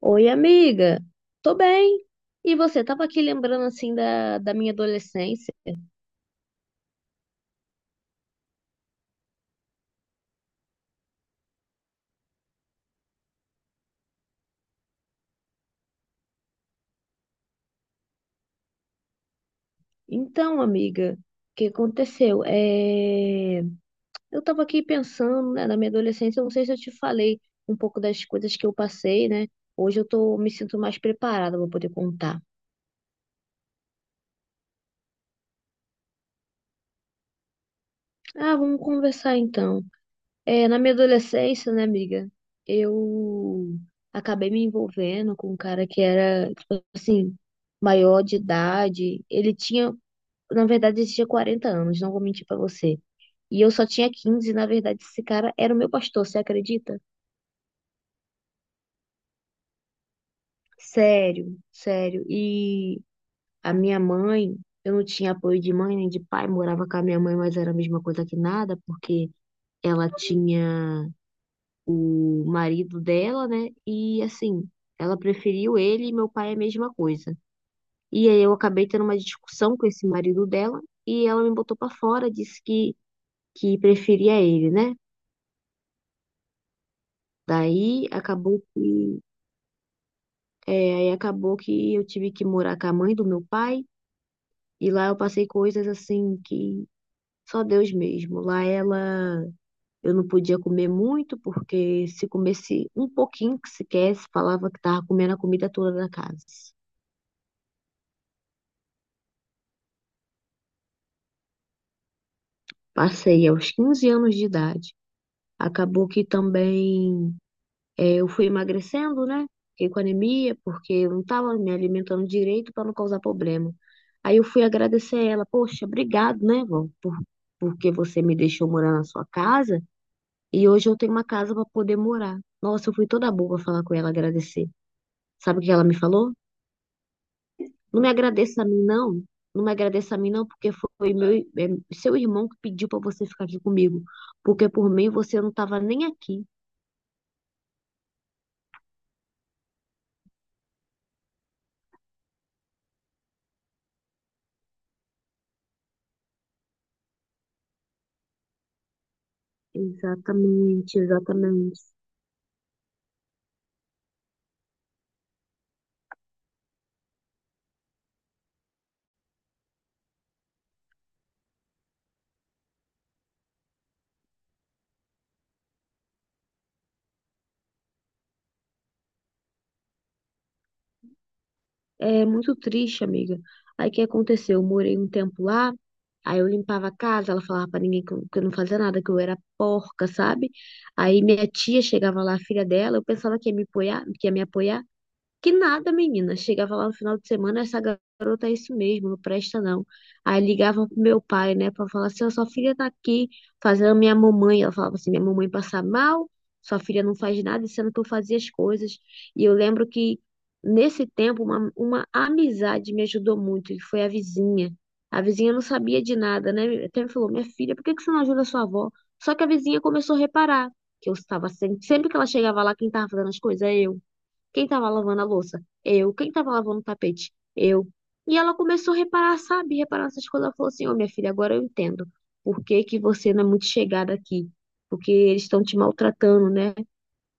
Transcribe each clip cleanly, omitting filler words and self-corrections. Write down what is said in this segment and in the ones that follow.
Oi, amiga. Tô bem. E você? Tava aqui lembrando assim da minha adolescência. Então, amiga, o que aconteceu? Eu tava aqui pensando, né, na minha adolescência. Eu não sei se eu te falei um pouco das coisas que eu passei, né? Hoje eu tô me sinto mais preparada para poder contar. Ah, vamos conversar então. É, na minha adolescência, né, amiga? Eu acabei me envolvendo com um cara que era, tipo assim, maior de idade. Ele tinha Na verdade, ele tinha 40 anos, não vou mentir pra você. E eu só tinha 15 e, na verdade, esse cara era o meu pastor, você acredita? Sério, sério. E a minha mãe, eu não tinha apoio de mãe nem de pai, morava com a minha mãe, mas era a mesma coisa que nada, porque ela tinha o marido dela, né? E assim, ela preferiu ele e meu pai a mesma coisa. E aí eu acabei tendo uma discussão com esse marido dela e ela me botou pra fora, disse que preferia ele, né? Daí acabou que, é, Aí acabou que eu tive que morar com a mãe do meu pai e lá eu passei coisas assim que só Deus mesmo. Lá ela, eu não podia comer muito porque se comesse um pouquinho que sequer, se falava que tava comendo a comida toda da casa. Passei aos 15 anos de idade. Acabou que também É, eu fui emagrecendo, né? Fiquei com anemia, porque eu não estava me alimentando direito para não causar problema. Aí eu fui agradecer ela, poxa, obrigado, né, vó, porque você me deixou morar na sua casa e hoje eu tenho uma casa para poder morar. Nossa, eu fui toda boba falar com ela, agradecer. Sabe o que ela me falou? Não me agradeça a mim, não. Não me agradeça a mim, não, porque foi seu irmão que pediu para você ficar aqui comigo. Porque por mim você não estava nem aqui. Exatamente, exatamente. É muito triste, amiga. Aí o que aconteceu? Eu morei um tempo lá, aí eu limpava a casa, ela falava pra ninguém que eu não fazia nada, que eu era porca, sabe? Aí minha tia chegava lá, a filha dela, eu pensava que ia me apoiar, que ia me apoiar. Que nada, menina. Chegava lá no final de semana, essa garota é isso mesmo, não presta não. Aí ligava pro meu pai, né, pra falar assim: "Ó, sua filha tá aqui fazendo minha mamãe. Ela falava assim: minha mamãe passa mal, sua filha não faz nada, sendo que eu fazia as coisas. E eu lembro que nesse tempo uma amizade me ajudou muito, que foi a vizinha. A vizinha não sabia de nada, né? Até me falou: minha filha, por que que você não ajuda a sua avó? Só que a vizinha começou a reparar que eu estava sempre, sempre que ela chegava lá, quem estava fazendo as coisas era eu. Quem estava lavando a louça? Eu. Quem estava lavando o tapete? Eu. E ela começou a reparar, sabe? Reparar essas coisas. Ela falou assim: Ô, minha filha, agora eu entendo. Por que que você não é muito chegada aqui? Porque eles estão te maltratando, né?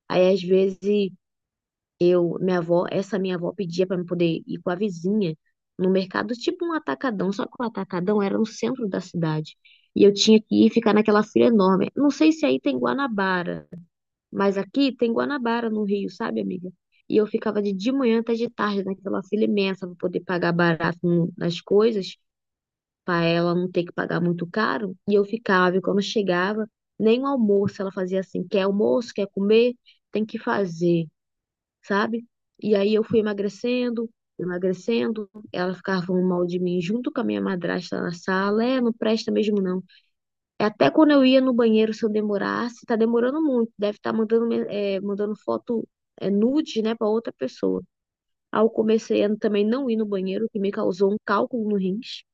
Aí, às vezes, essa minha avó pedia para eu poder ir com a vizinha no mercado, tipo um atacadão. Só que o atacadão era no centro da cidade. E eu tinha que ir ficar naquela fila enorme. Não sei se aí tem Guanabara. Mas aqui tem Guanabara no Rio, sabe, amiga? E eu ficava de manhã até de tarde naquela fila imensa para poder pagar barato nas coisas, para ela não ter que pagar muito caro. E eu ficava, e quando chegava, nem o almoço ela fazia assim: quer almoço, quer comer, tem que fazer, sabe? E aí eu fui emagrecendo, emagrecendo. Ela ficava falando mal de mim junto com a minha madrasta na sala: é, não presta mesmo não. Até quando eu ia no banheiro, se eu demorasse, tá demorando muito. Deve estar mandando foto, nude, né, pra outra pessoa. Aí eu comecei a também não ir no banheiro, o que me causou um cálculo no rins.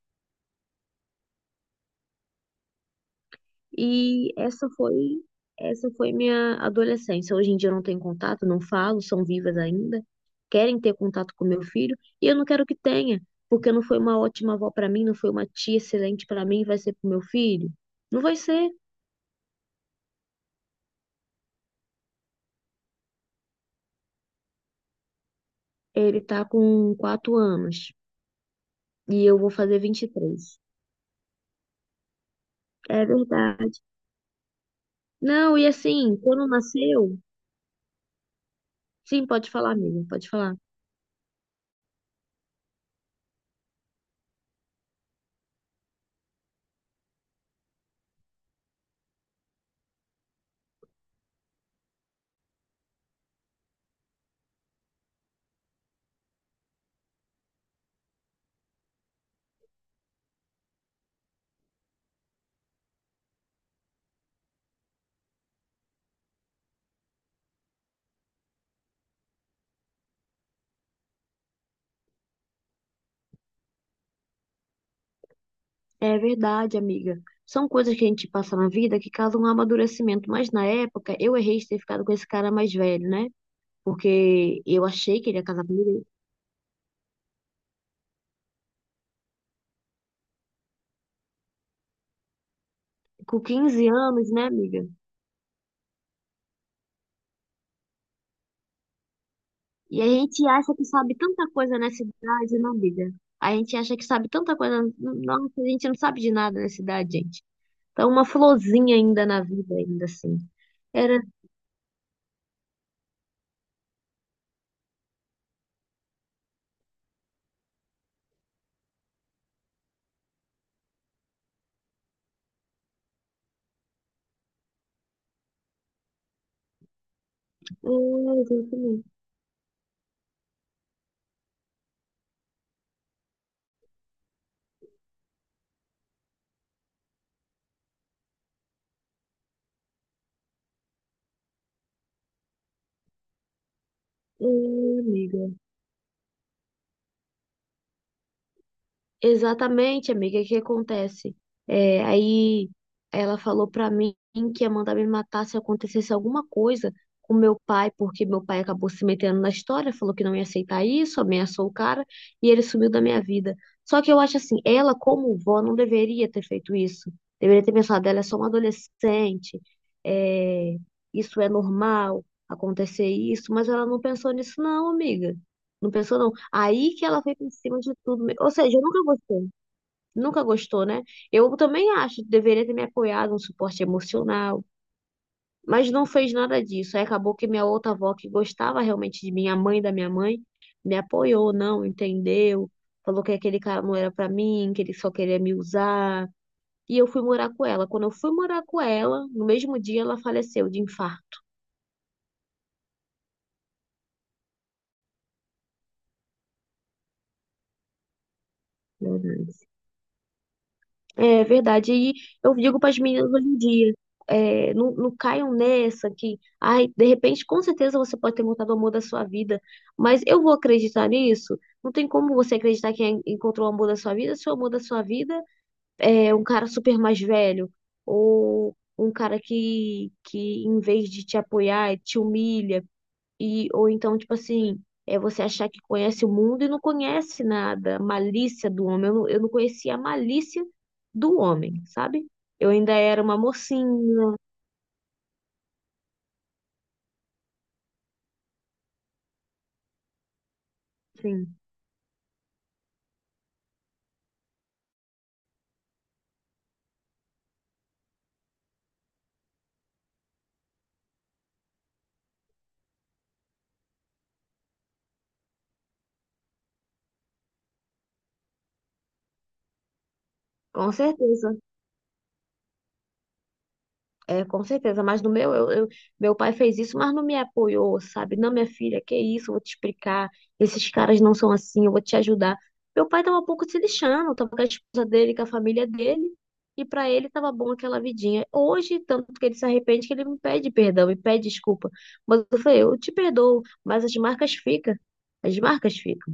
E essa foi minha adolescência. Hoje em dia eu não tenho contato, não falo, são vivas ainda. Querem ter contato com meu filho e eu não quero que tenha, porque não foi uma ótima avó pra mim, não foi uma tia excelente pra mim, vai ser pro meu filho? Não vai ser. Ele tá com 4 anos. E eu vou fazer 23. É verdade. Não, e assim, quando nasceu. Sim, pode falar, amiga, pode falar. É verdade, amiga. São coisas que a gente passa na vida que causam um amadurecimento. Mas na época, eu errei de ter ficado com esse cara mais velho, né? Porque eu achei que ele ia casar comigo com 15 anos, né, amiga? E a gente acha que sabe tanta coisa nessa idade, não, amiga? A gente acha que sabe tanta coisa. Nossa, a gente não sabe de nada nessa idade, gente. Então, uma florzinha ainda na vida, ainda assim. Era É, exatamente. É, amiga. Exatamente, amiga, o que acontece? É, aí ela falou pra mim que ia mandar me matar se acontecesse alguma coisa com meu pai, porque meu pai acabou se metendo na história, falou que não ia aceitar isso, ameaçou o cara e ele sumiu da minha vida. Só que eu acho assim, ela como vó não deveria ter feito isso. Deveria ter pensado, ela é só uma adolescente, é, isso é normal acontecer isso, mas ela não pensou nisso não, amiga. Não pensou, não. Aí que ela foi por cima de tudo mesmo. Ou seja, eu nunca gostei. Nunca gostou, né? Eu também acho que deveria ter me apoiado, um suporte emocional. Mas não fez nada disso. Aí acabou que minha outra avó, que gostava realmente de mim, a mãe da minha mãe, me apoiou, não, entendeu? Falou que aquele cara não era pra mim, que ele só queria me usar. E eu fui morar com ela. Quando eu fui morar com ela, no mesmo dia ela faleceu de infarto. É verdade. E eu digo para as meninas hoje em dia, não, não caiam nessa que, ai, de repente, com certeza você pode ter encontrado o amor da sua vida, mas eu vou acreditar nisso? Não tem como você acreditar que encontrou o amor da sua vida se o amor da sua vida é um cara super mais velho ou um cara que em vez de te apoiar, te humilha. Ou então, tipo assim, é você achar que conhece o mundo e não conhece nada, a malícia do homem. Eu não conhecia a malícia do homem, sabe? Eu ainda era uma mocinha, assim, com certeza. É, com certeza, mas no meu, eu- meu pai fez isso, mas não me apoiou, sabe? Não, minha filha, que isso, eu vou te explicar. Esses caras não são assim, eu vou te ajudar. Meu pai tava um pouco se lixando, tava com a esposa dele, com a família dele, e pra ele tava bom aquela vidinha. Hoje, tanto que ele se arrepende que ele me pede perdão, me pede desculpa. Mas eu falei, eu te perdoo, mas as marcas ficam. As marcas ficam.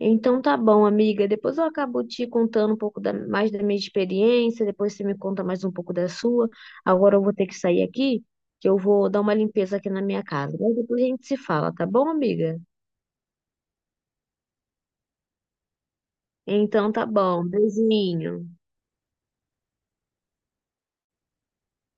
Então tá bom, amiga. Depois eu acabo te contando um pouco mais da minha experiência, depois você me conta mais um pouco da sua. Agora eu vou ter que sair aqui, que eu vou dar uma limpeza aqui na minha casa. Mas depois a gente se fala, tá bom, amiga? Então tá bom. Beijinho.